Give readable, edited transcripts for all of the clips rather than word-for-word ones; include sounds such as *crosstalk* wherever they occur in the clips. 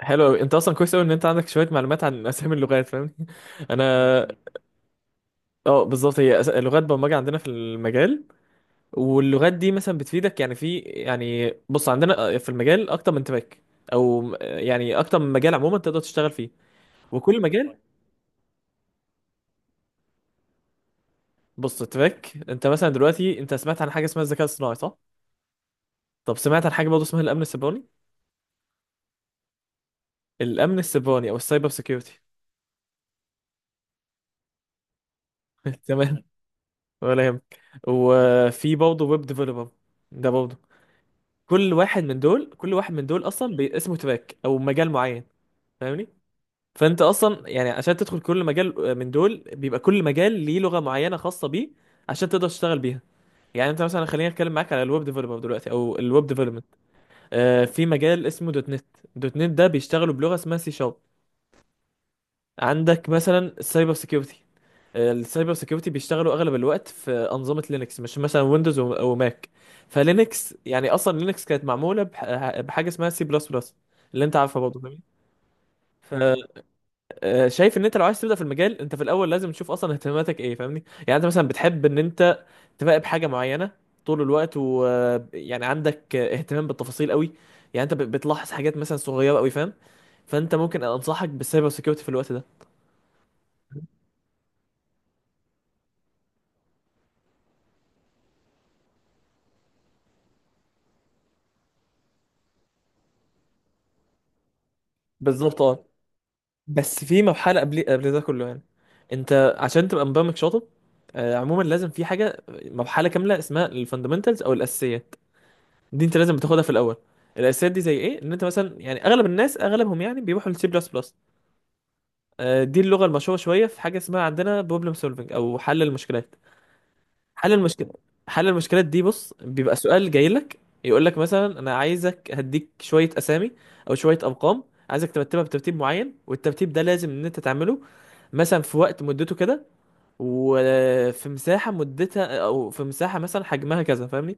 حلو قوي. انت اصلا كويس قوي ان انت عندك شويه معلومات عن اسامي اللغات، فاهمني؟ *laughs* انا اه، بالظبط، هي لغات برمجه عندنا في المجال. واللغات دي مثلا بتفيدك، يعني في يعني بص، عندنا في المجال اكتر من تراك، او يعني اكتر من مجال عموما تقدر تشتغل فيه. وكل مجال، بص، تراك. انت مثلا دلوقتي انت سمعت عن حاجه اسمها الذكاء الصناعي، صح؟ طب سمعت عن حاجه برضه اسمها الامن السيبراني؟ الامن السيبراني او السايبر سيكيورتي. *laughs* تمام، ولا يهمك. وفي برضه ويب ديفلوبر، ده برضه. كل واحد من دول اصلا اسمه تراك او مجال معين، فاهمني؟ فانت اصلا يعني عشان تدخل كل مجال من دول، بيبقى كل مجال ليه لغه معينه خاصه بيه، عشان تقدر تشتغل بيها. يعني انت مثلا، خليني اتكلم معاك على الويب ديفلوبر دلوقتي او الويب ديفلوبمنت، آه، في مجال اسمه دوت نت. دوت نت ده بيشتغلوا بلغه اسمها سي شارب. عندك مثلا السايبر سيكيورتي، السايبر سيكيورتي بيشتغلوا اغلب الوقت في انظمه لينكس، مش مثلا ويندوز وماك. فلينكس يعني، اصلا لينكس كانت معموله بحاجه اسمها سي بلس بلس، اللي انت عارفها برضه، فاهمني؟ فشايف ان انت لو عايز تبدا في المجال، انت في الاول لازم تشوف اصلا اهتماماتك ايه، فاهمني؟ يعني انت مثلا بتحب ان انت تراقب حاجه معينه طول الوقت، ويعني عندك اهتمام بالتفاصيل قوي، يعني انت بتلاحظ حاجات مثلا صغيره قوي، فاهم؟ فانت ممكن انصحك بالسايبر سيكيورتي في الوقت ده. بالظبط اه، بس في مرحلة قبل ده كله يعني. انت عشان تبقى مبرمج شاطر، عموما لازم في حاجة مرحلة كاملة اسمها الفاندمنتالز او الاساسيات. دي انت لازم بتاخدها في الاول. الاساسيات دي زي ايه؟ ان انت مثلا، يعني اغلب الناس اغلبهم يعني بيروحوا للسي بلس بلس. دي اللغة المشهورة شوية. في حاجة اسمها عندنا بروبلم سولفنج او حل المشكلات. حل المشكلة، حل المشكلات دي، بص، بيبقى سؤال جاي لك يقول لك مثلا: انا عايزك هديك شوية اسامي او شوية ارقام، عايزك ترتبها بترتيب معين، والترتيب ده لازم ان انت تعمله مثلا في وقت مدته كده، وفي مساحه مدتها، او في مساحه مثلا حجمها كذا، فاهمني؟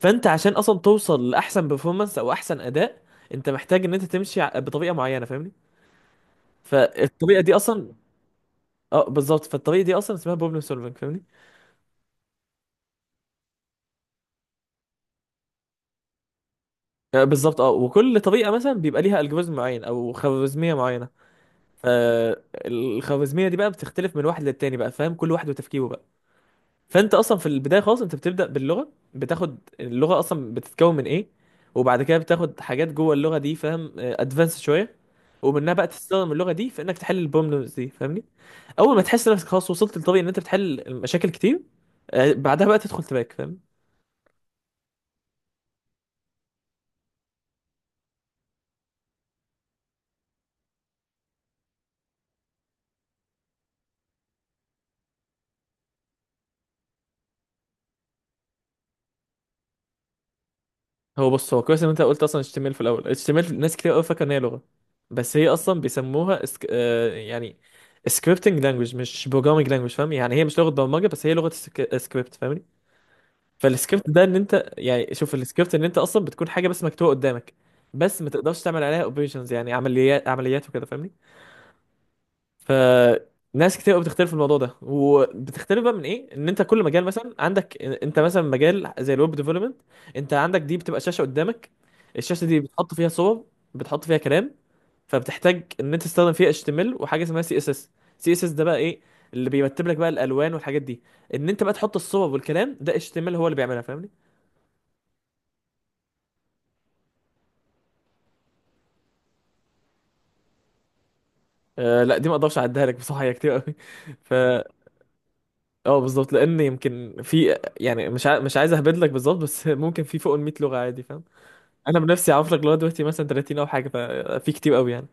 فانت عشان اصلا توصل لاحسن بيرفورمانس او احسن اداء، انت محتاج ان انت تمشي بطريقه معينه، فاهمني؟ فالطريقه دي اصلا، اه بالظبط، فالطريقه دي اصلا اسمها بروبلم سولفنج، فاهمني؟ بالظبط اه. وكل طريقه مثلا بيبقى ليها الجوريزم معين او خوارزميه معينه. فالخوارزميه دي بقى بتختلف من واحد للتاني بقى، فاهم؟ كل واحد وتفكيره بقى. فانت اصلا في البدايه خالص، انت بتبدا باللغه، بتاخد اللغه اصلا بتتكون من ايه، وبعد كده بتاخد حاجات جوه اللغه دي، فاهم؟ ادفانس شويه، ومنها بقى تستخدم اللغه دي في انك تحل البروبلمز دي، فاهمني؟ اول ما تحس نفسك خلاص وصلت لطبيعي ان انت بتحل مشاكل كتير، بعدها بقى تدخل تباك، فاهم؟ هو بص، هو كويس ان انت قلت اصلا HTML في الاول. HTML ناس كتير قوي فاكره ان هي لغه، بس هي اصلا بيسموها اسك... آه، يعني سكريبتنج لانجوج مش بروجرامنج لانجوج، فاهم؟ يعني هي مش لغه برمجه، بس هي لغه سكريبت، فاهم؟ فالسكريبت ده ان انت يعني، شوف، السكريبت ان انت اصلا بتكون حاجه بس مكتوبه قدامك، بس ما تقدرش تعمل عليها اوبريشنز يعني عمليات وكده، فاهمني؟ فناس كتير قوي بتختلف في الموضوع ده، وبتختلف بقى من ايه؟ ان انت كل مجال، مثلا عندك انت مثلا مجال زي الويب ديفلوبمنت، انت عندك دي بتبقى شاشه قدامك. الشاشه دي بتحط فيها صور، بتحط فيها كلام، فبتحتاج ان انت تستخدم فيها HTML وحاجه اسمها سي اس اس. سي اس اس ده بقى ايه؟ اللي بيرتب لك بقى الالوان والحاجات دي. ان انت بقى تحط الصور والكلام، ده HTML هو اللي بيعملها، فاهمني؟ آه لا، دي ما اقدرش اعدها لك بصراحه، هي كتير قوي. *laughs* ف اه، بالظبط، لان يمكن في يعني، مش عايز اهبد لك بالظبط، بس *laughs* ممكن في فوق ال 100 لغه عادي، فاهم؟ انا بنفسي اعرف لك لغايه دلوقتي مثلا 30 او حاجه، ففي كتير قوي يعني.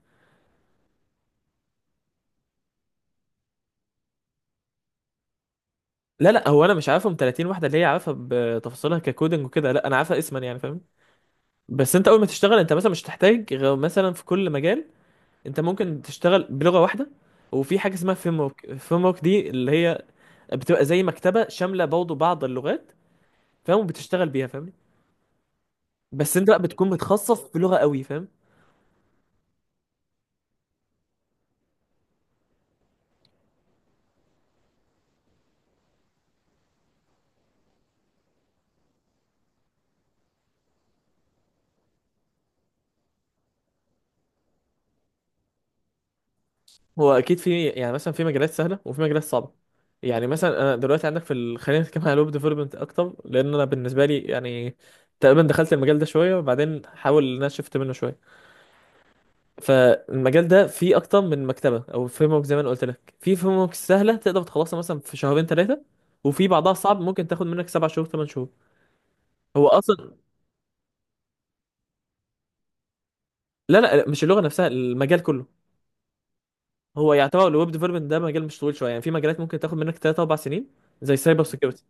لا، هو انا مش عارفهم 30 واحده اللي هي عارفها بتفاصيلها ككودنج وكده، لا، انا عارفها اسما يعني، فاهم؟ بس انت اول ما تشتغل، انت مثلا مش هتحتاج غير مثلا في كل مجال انت ممكن تشتغل بلغه واحده. وفي حاجه اسمها فريم ورك. الفريم ورك دي اللي هي بتبقى زي مكتبه شامله برضه بعض اللغات، فاهم؟ وبتشتغل بيها، فاهم؟ بس انت بقى بتكون متخصص في لغه قوي، فاهم؟ هو اكيد في يعني، مثلا في مجالات سهله وفي مجالات صعبه. يعني مثلا انا دلوقتي عندك في خلينا نتكلم على الويب ديفلوبمنت اكتر، لان انا بالنسبه لي يعني تقريبا دخلت المجال ده شويه وبعدين حاول، ان انا شفت منه شويه. فالمجال ده فيه اكتر من مكتبه او فريم ورك. زي ما انا قلت لك، في فريم ورك سهله تقدر تخلصها مثلا في شهرين ثلاثه، وفي بعضها صعب ممكن تاخد منك سبع شهور ثمان شهور. هو اصلا، لا لا، مش اللغه نفسها، المجال كله. هو يعتبر الويب ديفلوبمنت ده مجال مش طويل شويه، يعني في مجالات ممكن تاخد منك 3 4 سنين زي سايبر سيكيورتي،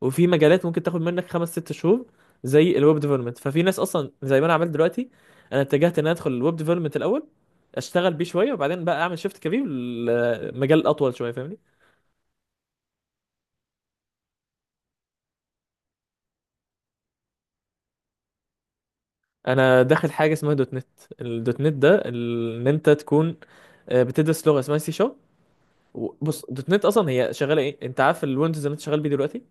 وفي مجالات ممكن تاخد منك 5 6 شهور زي الويب ديفلوبمنت. ففي ناس اصلا زي ما انا عملت دلوقتي، انا اتجهت ان انا ادخل الويب ديفلوبمنت الاول، اشتغل بيه شويه وبعدين بقى اعمل شيفت كبير لمجال اطول شويه، فاهمني؟ انا داخل حاجه اسمها دوت نت. الدوت نت ده ان انت تكون بتدرس لغه اسمها سي شارب. بص، دوت نت اصلا هي شغاله ايه؟ انت عارف الويندوز اللي انت شغال بيه دلوقتي؟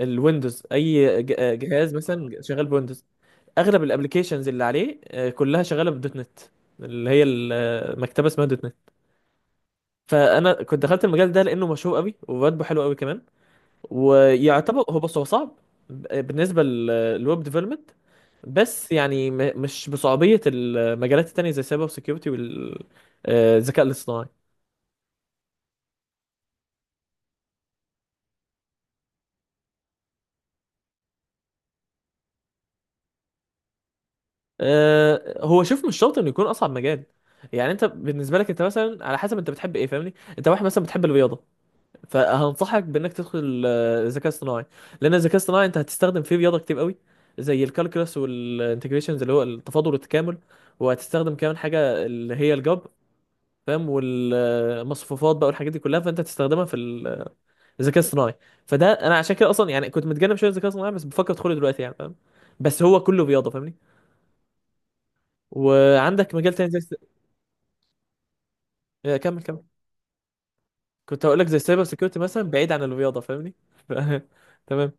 الويندوز، اي جهاز مثلا شغال بويندوز، اغلب الابلكيشنز اللي عليه كلها شغاله بدوت نت، اللي هي المكتبه اسمها دوت نت. فانا كنت دخلت المجال ده لانه مشهور قوي وبراتبه حلو قوي كمان. ويعتبر هو، بص، هو صعب بالنسبه للويب ديفلوبمنت، بس يعني مش بصعوبيه المجالات التانيه زي السايبر سيكيورتي والذكاء الاصطناعي. هو شوف، مش شرط انه يكون اصعب مجال. يعني انت بالنسبه لك، انت مثلا على حسب انت بتحب ايه، فاهمني؟ انت واحد مثلا بتحب الرياضه، فهنصحك بانك تدخل الذكاء الاصطناعي. لان الذكاء الاصطناعي انت هتستخدم فيه رياضه كتير قوي، زي الكالكولس والانتجريشنز اللي هو التفاضل والتكامل. وهتستخدم كمان حاجه اللي هي الجبر، فاهم؟ والمصفوفات بقى والحاجات دي كلها، فانت هتستخدمها في الذكاء الاصطناعي. فده انا عشان كده اصلا يعني كنت متجنب شويه الذكاء الاصطناعي، بس بفكر ادخله دلوقتي يعني، فاهم؟ بس هو كله رياضه، فاهمني؟ وعندك مجال تاني زي آه، كمل كمل. كنت هقول لك زي السايبر سيكيورتي مثلا، بعيد عن الرياضه، فاهمني؟ *laughs* ف... تمام.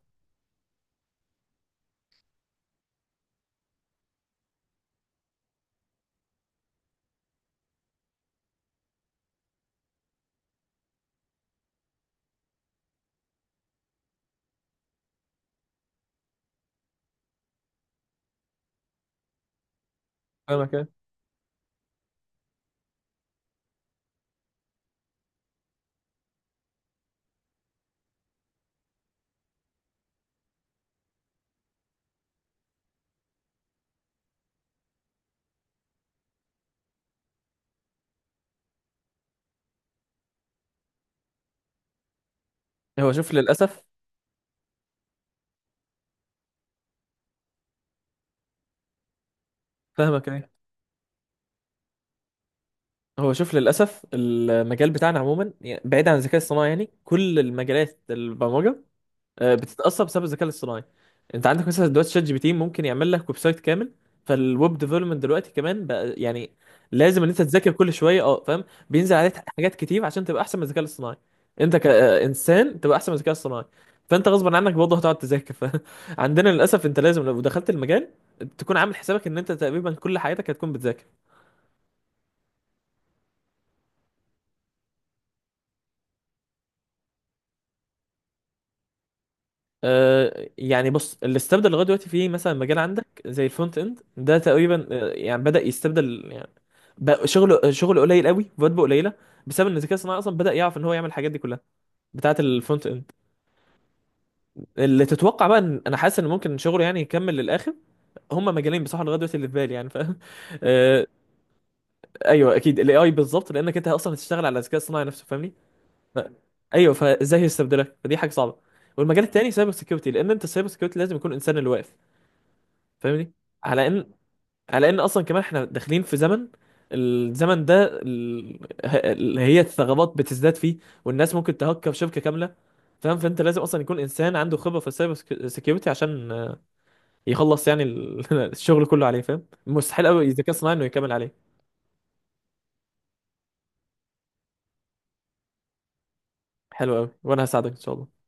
فاهمك إيه. هو شوف للاسف، فاهمك ايه، هو شوف للأسف المجال بتاعنا عموما يعني بعيد عن الذكاء الصناعي، يعني كل المجالات البرمجة بتتأثر بسبب الذكاء الاصطناعي. أنت عندك مثلا دلوقتي شات جي بي تي ممكن يعمل لك ويب سايت كامل. فالويب ديفلوبمنت دلوقتي كمان بقى يعني لازم إن أنت تذاكر كل شوية، أه فاهم؟ بينزل عليك حاجات كتير عشان تبقى أحسن من الذكاء الاصطناعي، أنت كإنسان تبقى أحسن من الذكاء الاصطناعي. فأنت غصبا عنك برضه هتقعد تذاكر، فعندنا *laughs* للأسف أنت لازم لو دخلت المجال تكون عامل حسابك إن أنت تقريبا كل حياتك هتكون بتذاكر. يعني بص، اللي استبدل لغايه دلوقتي فيه مثلا مجال عندك زي الفرونت اند، ده تقريبا يعني بدأ يستبدل يعني، بقى شغله قليل قوي، فواتبه قليله، بسبب ان الذكاء الصناعي اصلا بدأ يعرف ان هو يعمل الحاجات دي كلها بتاعه الفرونت اند. اللي تتوقع بقى، ان انا حاسس ان ممكن شغله يعني يكمل للاخر، هما مجالين بصراحه لغايه دلوقتي اللي في بالي يعني، فاهم؟ *laughs* آه، ايوه اكيد الاي اي بالظبط، لانك انت اصلا هتشتغل على الذكاء الصناعي نفسه، فاهمني؟ ف- ايوه فازاي هيستبدلك؟ فدي حاجه صعبه. والمجال التاني سايبر سكيورتي، لان انت السايبر سكيورتي لازم يكون انسان اللي واقف، فاهمني؟ على ان على ان اصلا كمان احنا داخلين في زمن، الزمن ده اللي هي الثغرات بتزداد فيه، والناس ممكن تهكر شبكه كامله، فاهم؟ فانت لازم اصلا يكون انسان عنده خبره في السايبر سكيورتي، عشان يخلص يعني *laughs* الشغل كله عليه، فاهم؟ مستحيل قوي الذكاء الصناعي انه يكمل عليه. حلو قوي، وانا هساعدك ان شاء الله.